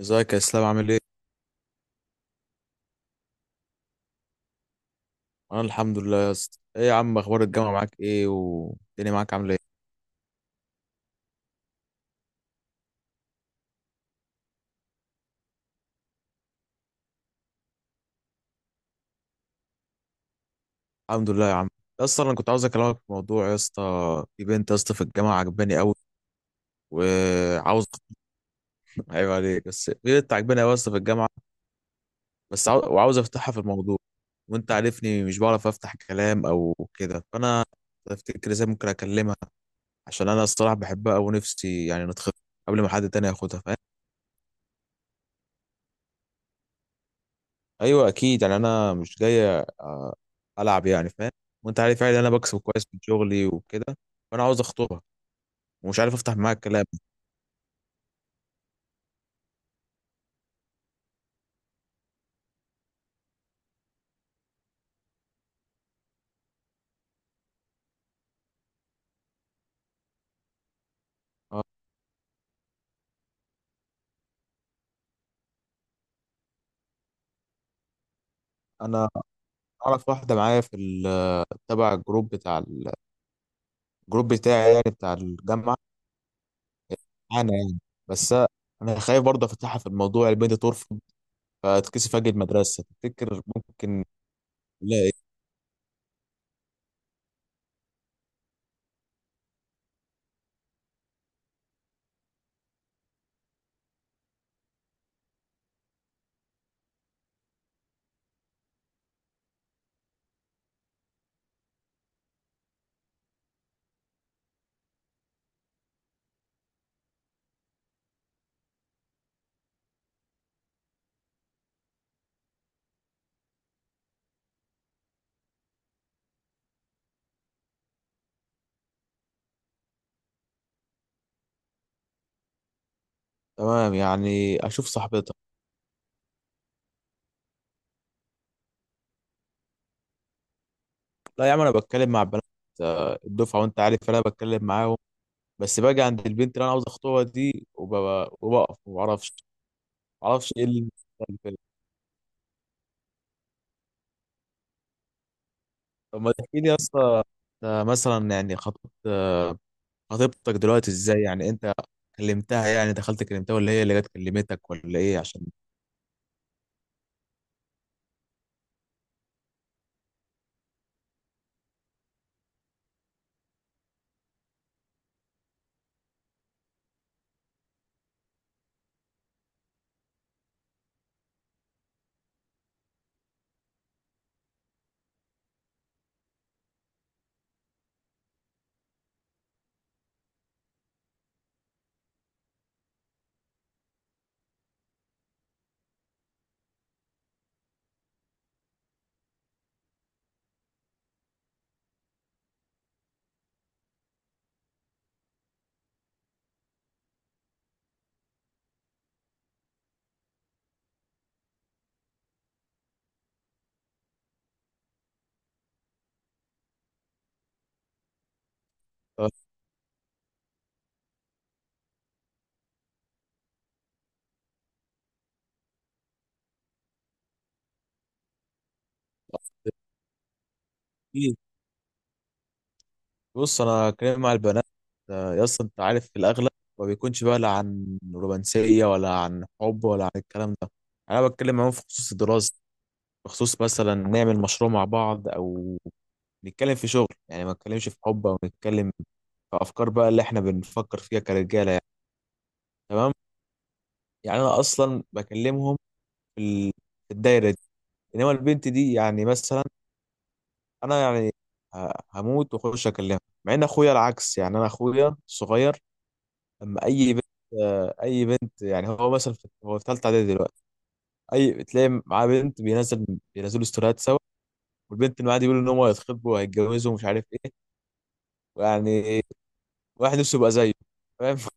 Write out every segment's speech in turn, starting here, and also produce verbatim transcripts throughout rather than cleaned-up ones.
ازيك يا اسلام؟ عامل ايه؟ انا الحمد لله يا اسطى. ايه يا عم، اخبار الجامعه معاك ايه، والدنيا معاك عامله ايه؟ الحمد لله يا عم. يا اسطى انا كنت عاوز اكلمك في موضوع يا اسطى. في بنت يا اسطى في الجامعه عجباني قوي وعاوز عيب عليك، بس في بنت عجباني قوي يا اسطى في الجامعه. بس عاو... وعاوز افتحها في الموضوع. وانت عارفني مش بعرف افتح كلام او كده، فانا افتكر ازاي ممكن اكلمها، عشان انا الصراحه بحبها ونفسي يعني نتخطب قبل ما حد تاني ياخدها، فاهم؟ ايوه اكيد، يعني انا مش جاي العب يعني، فاهم. وانت عارف يعني انا بكسب كويس من شغلي وكده، فانا عاوز اخطبها ومش عارف افتح معاها الكلام. اه، انا اعرف واحده معايا في ال- تبع الجروب بتاع ال- الجروب بتاعي يعني بتاع الجامعه. انا يعني، بس انا خايف برضه افتحها في الموضوع، البنت ترفض فتكسف اجي المدرسه، تفتكر ممكن؟ لا ايه. تمام، يعني اشوف صاحبتك. لا يا عم انا بتكلم مع بنات، اه، الدفعه، وانت عارف انا بتكلم معاهم. بس باجي عند البنت اللي انا عاوز اخطبها دي وببقى- وبقف ما بعرفش. معرفش ايه اللي بيحصل كده. طب ما تحكي لي يا اسطى، انت مثلا يعني خطبت آه، خطيبتك دلوقتي ازاي؟ يعني انت كلمتها، يعني دخلت كلمتها ولا هي اللي جت كلمتك ولا ايه؟ عشان آه، إيه؟ بص، انا كلام مع البنات آه، يا اسطى انت عارف في الاغلب ما بيكونش بقى لا عن رومانسيه ولا عن حب ولا عن الكلام ده. انا بتكلم معاهم في خصوص الدراسه، بخصوص مثلا نعمل مشروع مع بعض او نتكلم في شغل. يعني ما نتكلمش في حب، او نتكلم في افكار بقى اللي احنا بنفكر فيها كرجاله. تمام. يعني انا اصلا بكلمهم في ال- في الدايره دي. انما البنت دي يعني مثلا انا يعني ه- هموت واخش اكلمها، مع ان اخويا العكس. يعني انا اخويا الصغير اما اي بنت، آه، اي بنت، يعني هو مثلا في- هو في ثالثه اعدادي دلوقتي، اي تلاقي معاه بنت، بينزل بينزلوا ستوريات سوا، والبنت اللي معاه دي بيقولوا ان هم هيتخطبوا وهيتجوزوا ومش عارف ايه. يعني واحد نفسه يبقى زيه، فاهم؟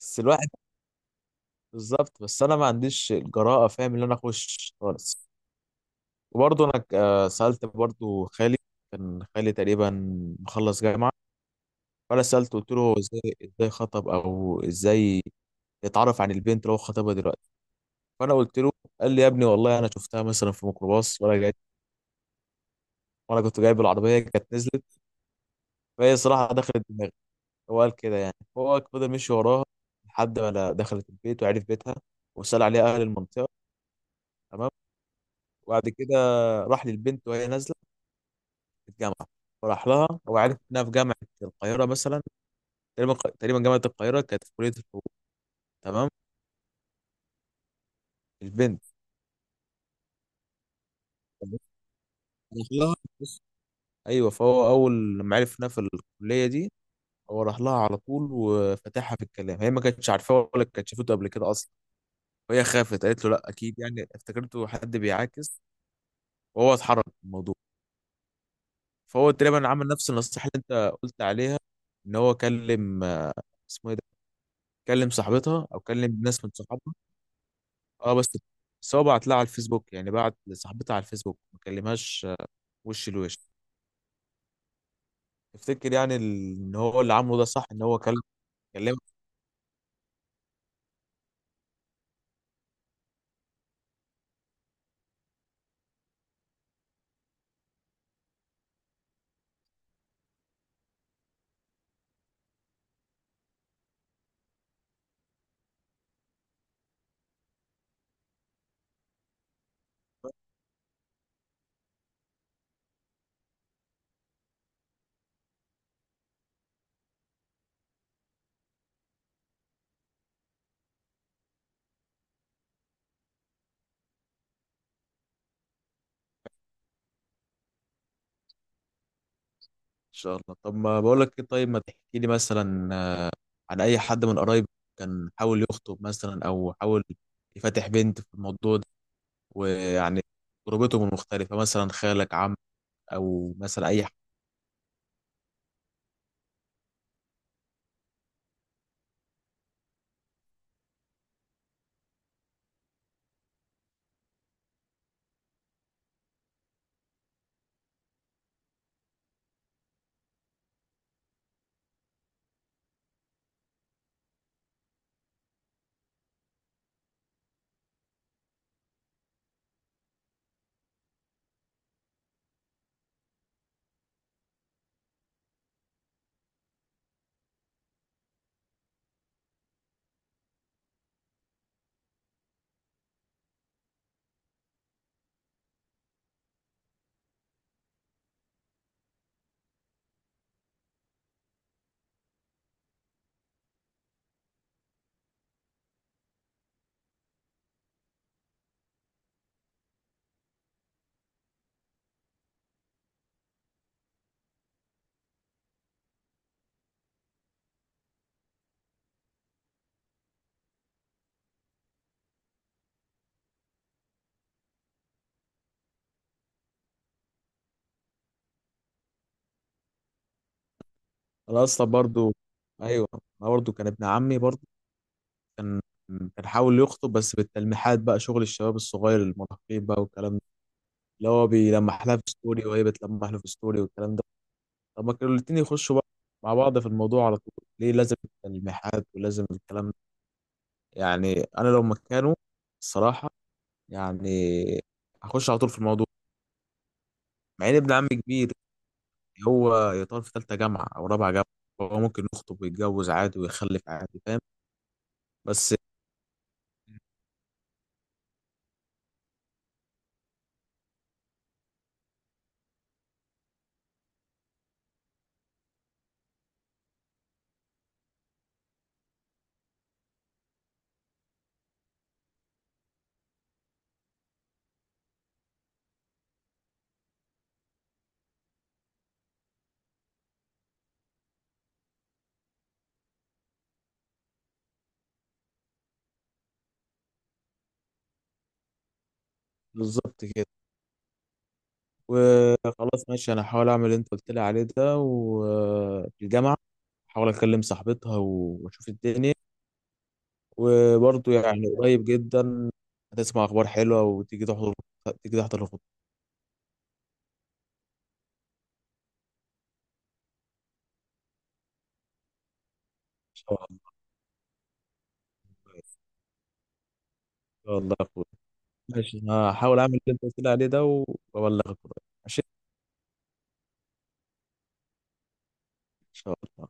بس الواحد بالظبط، بس انا ما عنديش الجراءه، فاهم؟ ان انا اخش خالص. وبرضه انا آه، سالت برضه خالي. كان خالي تقريبا مخلص جامعه، فانا سالته قلت له ازاي ازاي خطب، او ازاي يتعرف عن البنت اللي هو خطبها دلوقتي. فانا قلت له، قال لي يا ابني والله انا شفتها مثلا في ميكروباص وانا جاي، وانا كنت جايب العربيه كانت نزلت. فهي صراحه دخلت دماغي. هو قال كده، يعني هو فضل مشي وراها لحد ما دخلت البيت وعرف بيتها، وسال عليها اهل المنطقه. تمام. وبعد كده راح للبنت وهي نازله في الجامعه، فراح لها، هو عارف انها في جامعه القاهره مثلا. تقريبا تقريبا جامعة القاهرة، كانت في كلية الحقوق. تمام. البنت راح لها، بس- ايوه، فهو اول ما عرف انها في الكلية دي، هو راح لها على طول وفتحها في الكلام، هي ما كانتش عارفاه ولا كانت شافته قبل كده اصلا، فهي خافت قالت له لا، اكيد يعني افتكرته حد بيعاكس، وهو اتحرك من الموضوع. فهو تقريبا عمل نفس النصيحة اللي انت قلت عليها، ان هو كلم آه، اسمه ايه ده، كلم صاحبتها او كلم ناس من صحابها. اه، بس، بس هو بعت لها على الفيسبوك، يعني بعت لصاحبتها على الفيسبوك، ما كلمهاش آه، وش لوش. افتكر يعني ال- ان هو اللي عامله ده صح، ان هو كلام كلمك؟ ان شاء الله. طب ما بقول لك ايه، طيب ما تحكي لي مثلا آه، عن اي حد من قرايبك كان حاول يخطب مثلا، او حاول يفتح بنت في الموضوع ده، ويعني تجربته من مختلفه، مثلا خالك، عم، او مثلا اي حد. انا اصلا برضو، ايوه، انا برضو كان ابن عمي برضو، كان كان حاول يخطب، بس بالتلميحات بقى، شغل الشباب الصغير المراهقين بقى والكلام ده، اللي هو بيلمح لها في ستوري وهي بتلمح له في ستوري والكلام ده. طب ما كانوا الاتنين يخشوا بقى مع بعض في الموضوع على طول؟ ليه لازم الملمحات ولازم الكلام ده؟ يعني انا لو مكانه الصراحه، يعني هخش على طول في الموضوع، مع ان ابن عمي كبير، هو يطار في ثالثه جامعه او رابعه جامعه، هو ممكن يخطب ويتجوز عادي ويخلف عادي، فاهم؟ بس بالظبط كده. وخلاص ماشي، انا هحاول اعمل اللي انت قلت لي عليه ده، وفي الجامعه هحاول اكلم صاحبتها واشوف الدنيا. وبرضه يعني قريب جدا هتسمع اخبار حلوه، وتيجي تحضر، تيجي تحضر الخطوه ان شاء الله. ان شاء الله يا اخويا. ماشي، انا هحاول اعمل اللي انت قلت لي عليه ده وابلغك قريب. ماشي، ان شاء الله.